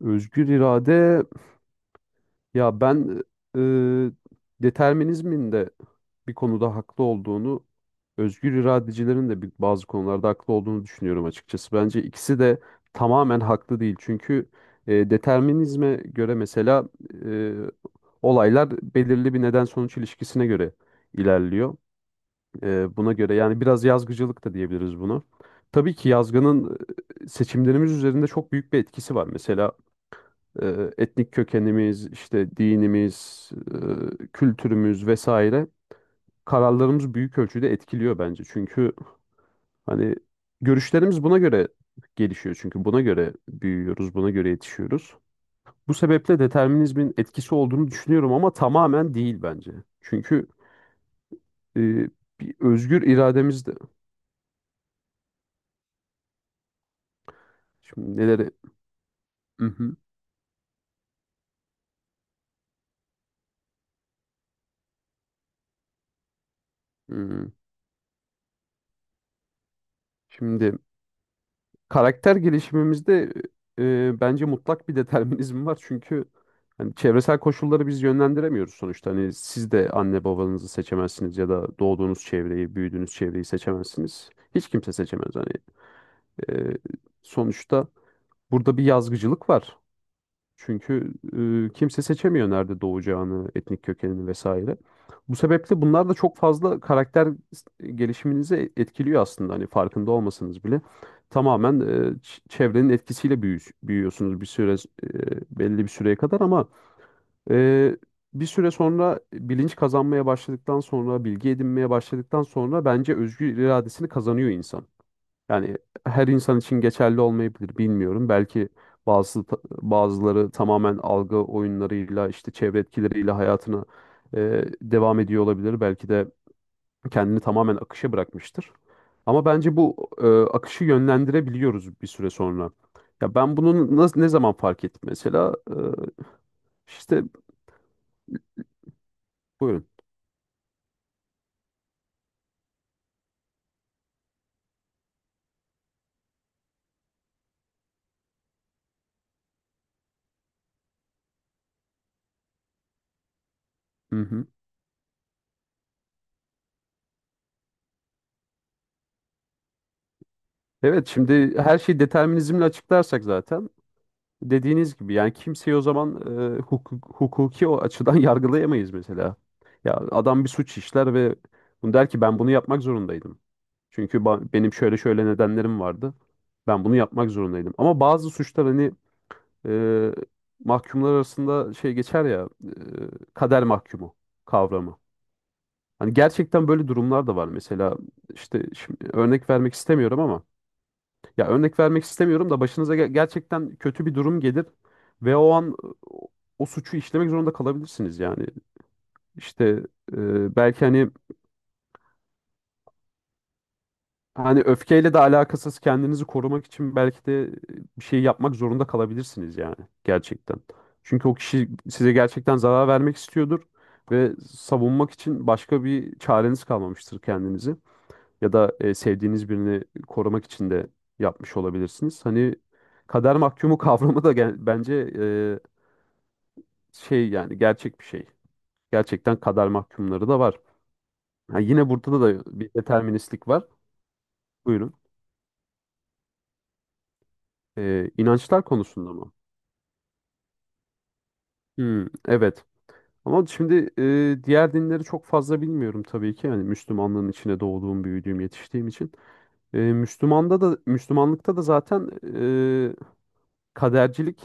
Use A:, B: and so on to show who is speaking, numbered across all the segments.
A: Özgür irade. Ya ben, e, determinizmin de bir konuda haklı olduğunu, özgür iradecilerin de bazı konularda haklı olduğunu düşünüyorum açıkçası. Bence ikisi de tamamen haklı değil. Çünkü determinizme göre mesela e, olaylar belirli bir neden sonuç ilişkisine göre ilerliyor. Buna göre yani biraz yazgıcılık da diyebiliriz bunu. Tabii ki yazgının seçimlerimiz üzerinde çok büyük bir etkisi var. Mesela etnik kökenimiz, işte dinimiz, kültürümüz vesaire kararlarımız büyük ölçüde etkiliyor bence. Çünkü hani görüşlerimiz buna göre gelişiyor. Çünkü buna göre büyüyoruz, buna göre yetişiyoruz. Bu sebeple determinizmin etkisi olduğunu düşünüyorum ama tamamen değil bence. Çünkü e, bir özgür irademiz de şimdi neleri... Mhm. Hmm. Şimdi karakter gelişimimizde bence mutlak bir determinizm var. Çünkü hani çevresel koşulları biz yönlendiremiyoruz sonuçta. Hani siz de anne babanızı seçemezsiniz ya da doğduğunuz çevreyi, büyüdüğünüz çevreyi seçemezsiniz. Hiç kimse seçemez. Hani e, sonuçta burada bir yazgıcılık var. Çünkü kimse seçemiyor nerede doğacağını, etnik kökenini vesaire. Bu sebeple bunlar da çok fazla karakter gelişiminizi etkiliyor aslında. Hani farkında olmasanız bile tamamen çevrenin etkisiyle büyüyorsunuz bir süre, belli bir süreye kadar ama e, bir süre sonra bilinç kazanmaya başladıktan sonra, bilgi edinmeye başladıktan sonra bence özgür iradesini kazanıyor insan. Yani her insan için geçerli olmayabilir, bilmiyorum. Belki bazı bazıları tamamen algı oyunlarıyla, işte çevre etkileriyle hayatına devam ediyor olabilir. Belki de kendini tamamen akışa bırakmıştır. Ama bence bu, akışı yönlendirebiliyoruz bir süre sonra. Ya ben bunun nasıl, ne zaman fark ettim mesela? İşte buyurun. Hı hı. Evet, şimdi her şeyi determinizmle açıklarsak zaten dediğiniz gibi, yani kimseyi o zaman hukuki o açıdan yargılayamayız mesela. Ya adam bir suç işler ve bunu der ki ben bunu yapmak zorundaydım. Çünkü benim şöyle şöyle nedenlerim vardı. Ben bunu yapmak zorundaydım. Ama bazı suçlar hani, e, mahkumlar arasında şey geçer ya, kader mahkumu kavramı. Hani gerçekten böyle durumlar da var. Mesela işte şimdi örnek vermek istemiyorum ama, ya örnek vermek istemiyorum da başınıza gerçekten kötü bir durum gelir ve o an o, o suçu işlemek zorunda kalabilirsiniz yani. İşte belki hani öfkeyle de alakasız kendinizi korumak için belki de bir şey yapmak zorunda kalabilirsiniz yani, gerçekten. Çünkü o kişi size gerçekten zarar vermek istiyordur ve savunmak için başka bir çareniz kalmamıştır kendinizi. Ya da sevdiğiniz birini korumak için de yapmış olabilirsiniz. Hani kader mahkumu kavramı da bence şey yani gerçek bir şey. Gerçekten kader mahkumları da var. Ha, yine burada da bir deterministlik var. Buyurun. İnançlar konusunda mı? Hmm, evet. Ama şimdi diğer dinleri çok fazla bilmiyorum tabii ki. Yani Müslümanlığın içine doğduğum, büyüdüğüm, yetiştiğim için. E, Müslümanda da Müslümanlıkta da zaten e, kadercilik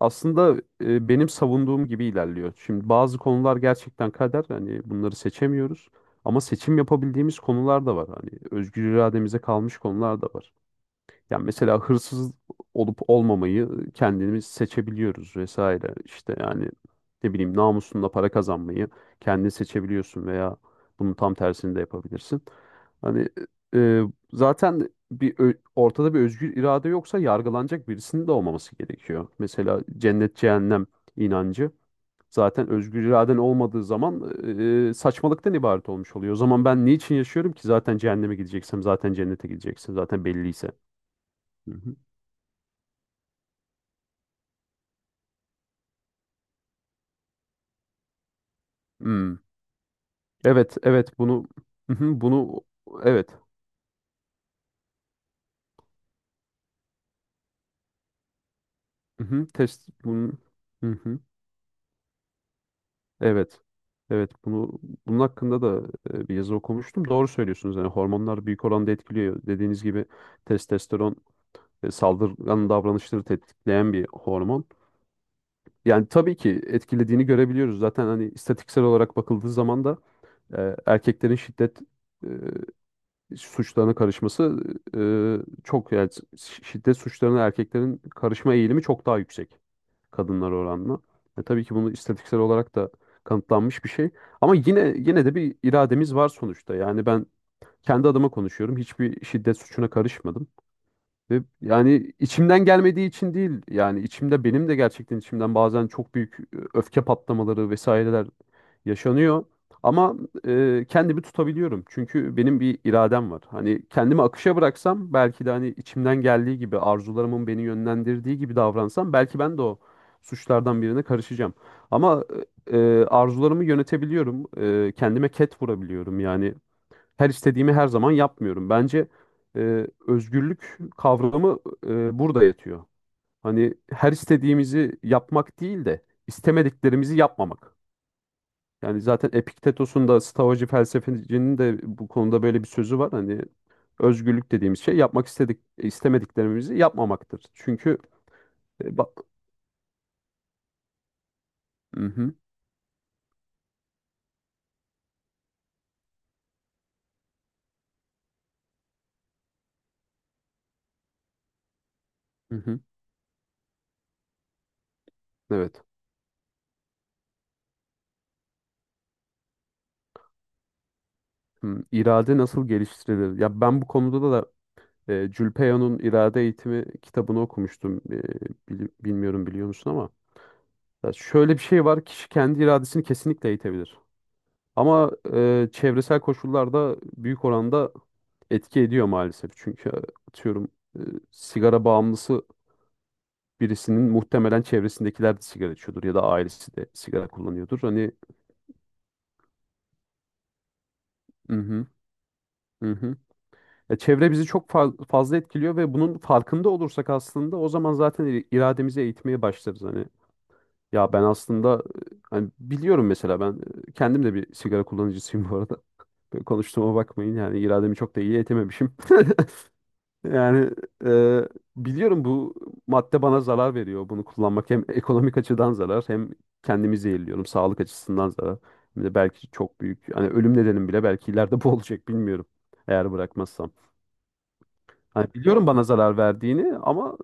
A: aslında benim savunduğum gibi ilerliyor. Şimdi bazı konular gerçekten kader. Hani bunları seçemiyoruz. Ama seçim yapabildiğimiz konular da var. Hani özgür irademize kalmış konular da var. Yani mesela hırsız olup olmamayı kendimiz seçebiliyoruz vesaire. İşte yani ne bileyim, namusunla para kazanmayı kendin seçebiliyorsun veya bunun tam tersini de yapabilirsin. Hani e, zaten bir ortada bir özgür irade yoksa yargılanacak birisinin de olmaması gerekiyor. Mesela cennet cehennem inancı, zaten özgür iraden olmadığı zaman saçmalıktan ibaret olmuş oluyor. O zaman ben niçin yaşıyorum ki zaten cehenneme gideceksem, zaten cennete gideceksin zaten belliyse. Hmm. Evet, evet, bunu... Hı hı, bunu, evet. Hı hı, test bunu... Hı hı, evet. Evet, bunun hakkında da bir yazı okumuştum. Doğru söylüyorsunuz. Yani hormonlar büyük oranda etkiliyor. Dediğiniz gibi testosteron saldırgan davranışları tetikleyen bir hormon. Yani tabii ki etkilediğini görebiliyoruz. Zaten hani istatistiksel olarak bakıldığı zaman da erkeklerin şiddet e, suçlarına karışması çok yani, şiddet suçlarına erkeklerin karışma eğilimi çok daha yüksek kadınlar oranla. Tabii ki bunu istatistiksel olarak da kanıtlanmış bir şey. Ama yine de bir irademiz var sonuçta. Yani ben kendi adıma konuşuyorum. Hiçbir şiddet suçuna karışmadım. Ve yani içimden gelmediği için değil, yani içimde, benim de gerçekten içimden bazen çok büyük öfke patlamaları vesaireler yaşanıyor. Ama kendimi tutabiliyorum. Çünkü benim bir iradem var. Hani kendimi akışa bıraksam, belki de hani içimden geldiği gibi, arzularımın beni yönlendirdiği gibi davransam, belki ben de o suçlardan birine karışacağım. Ama arzularımı yönetebiliyorum. Kendime ket vurabiliyorum. Yani her istediğimi her zaman yapmıyorum. Bence özgürlük kavramı burada yatıyor. Hani her istediğimizi yapmak değil de istemediklerimizi yapmamak. Yani zaten Epiktetos'un da, Stoacı felsefecinin de bu konuda böyle bir sözü var. Hani özgürlük dediğimiz şey yapmak istedik istemediklerimizi yapmamaktır. Çünkü bak, hı hı, hı hı, evet. Hı, irade nasıl geliştirilir? Ya ben bu konuda da... Julpeo'nun İrade Eğitimi kitabını okumuştum. Bilmiyorum, biliyor musun ama. Ya, şöyle bir şey var. Kişi kendi iradesini kesinlikle eğitebilir. Ama çevresel koşullar da büyük oranda etki ediyor maalesef. Çünkü atıyorum, e, sigara bağımlısı birisinin muhtemelen çevresindekiler de sigara içiyordur ya da ailesi de sigara kullanıyordur. Hani, hı hı, hı hı. Ya çevre bizi çok fazla etkiliyor ve bunun farkında olursak aslında o zaman zaten irademizi eğitmeye başlarız. Hani, ya ben aslında, hani biliyorum mesela ben, kendim de bir sigara kullanıcısıyım bu arada. Böyle konuştuğuma bakmayın yani, irademi çok da iyi etememişim. Yani e, biliyorum bu madde bana zarar veriyor, bunu kullanmak. Hem ekonomik açıdan zarar, hem kendimi zehirliyorum, sağlık açısından zarar. Hem de belki çok büyük, hani ölüm nedenim bile belki ileride bu olacak, bilmiyorum, eğer bırakmazsam. Hani biliyorum bana zarar verdiğini ama...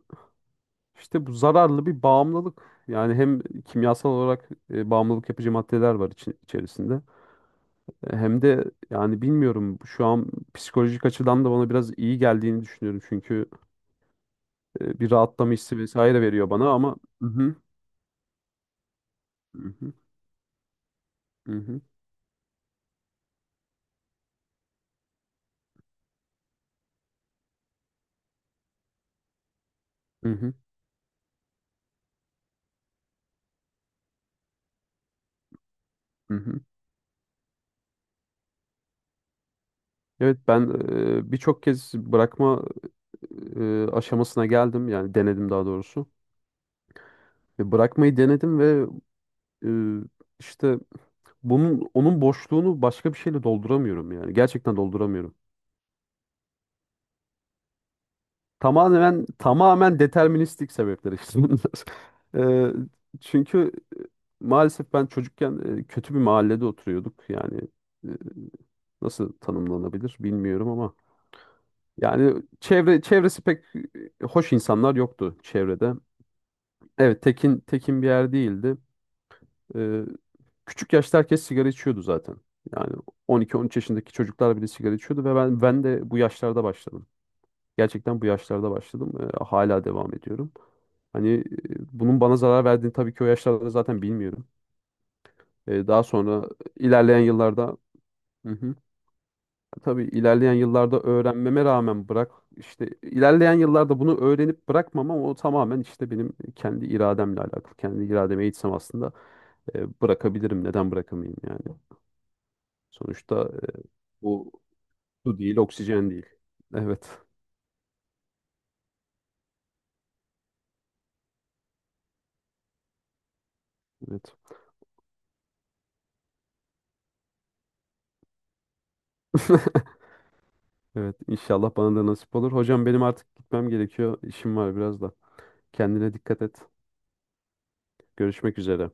A: İşte bu zararlı bir bağımlılık. Yani hem kimyasal olarak bağımlılık yapıcı maddeler var içerisinde. Hem de yani bilmiyorum, şu an psikolojik açıdan da bana biraz iyi geldiğini düşünüyorum. Çünkü bir rahatlama hissi vesaire veriyor bana ama... Hı hı, hı hı, hı hı, hı hı, hı hı. Evet, ben birçok kez bırakma aşamasına geldim. Yani denedim, daha doğrusu. Ve bırakmayı denedim ve... Ee, işte onun boşluğunu başka bir şeyle dolduramıyorum yani. Gerçekten dolduramıyorum. Tamamen deterministik sebepler işte bunlar. Ee, Çünkü maalesef ben çocukken kötü bir mahallede oturuyorduk. Yani e, nasıl tanımlanabilir bilmiyorum ama yani çevresi pek hoş insanlar yoktu çevrede. Evet, tekin bir yer değildi. Ee, Küçük yaşta herkes sigara içiyordu zaten. Yani 12-13 yaşındaki çocuklar bile sigara içiyordu ve ben de bu yaşlarda başladım. Gerçekten bu yaşlarda başladım. Hala devam ediyorum. Hani bunun bana zarar verdiğini tabii ki o yaşlarda zaten bilmiyorum. Daha sonra ilerleyen yıllarda, hı hı, tabii ilerleyen yıllarda öğrenmeme rağmen bırak... işte ilerleyen yıllarda bunu öğrenip bırakmam ama o tamamen işte benim kendi irademle alakalı. Kendi irademe eğitsem aslında bırakabilirim. Neden bırakamayayım yani? Sonuçta bu su değil, oksijen değil. Evet. Evet. Evet, inşallah bana da nasip olur. Hocam benim artık gitmem gerekiyor. İşim var biraz da. Kendine dikkat et. Görüşmek üzere.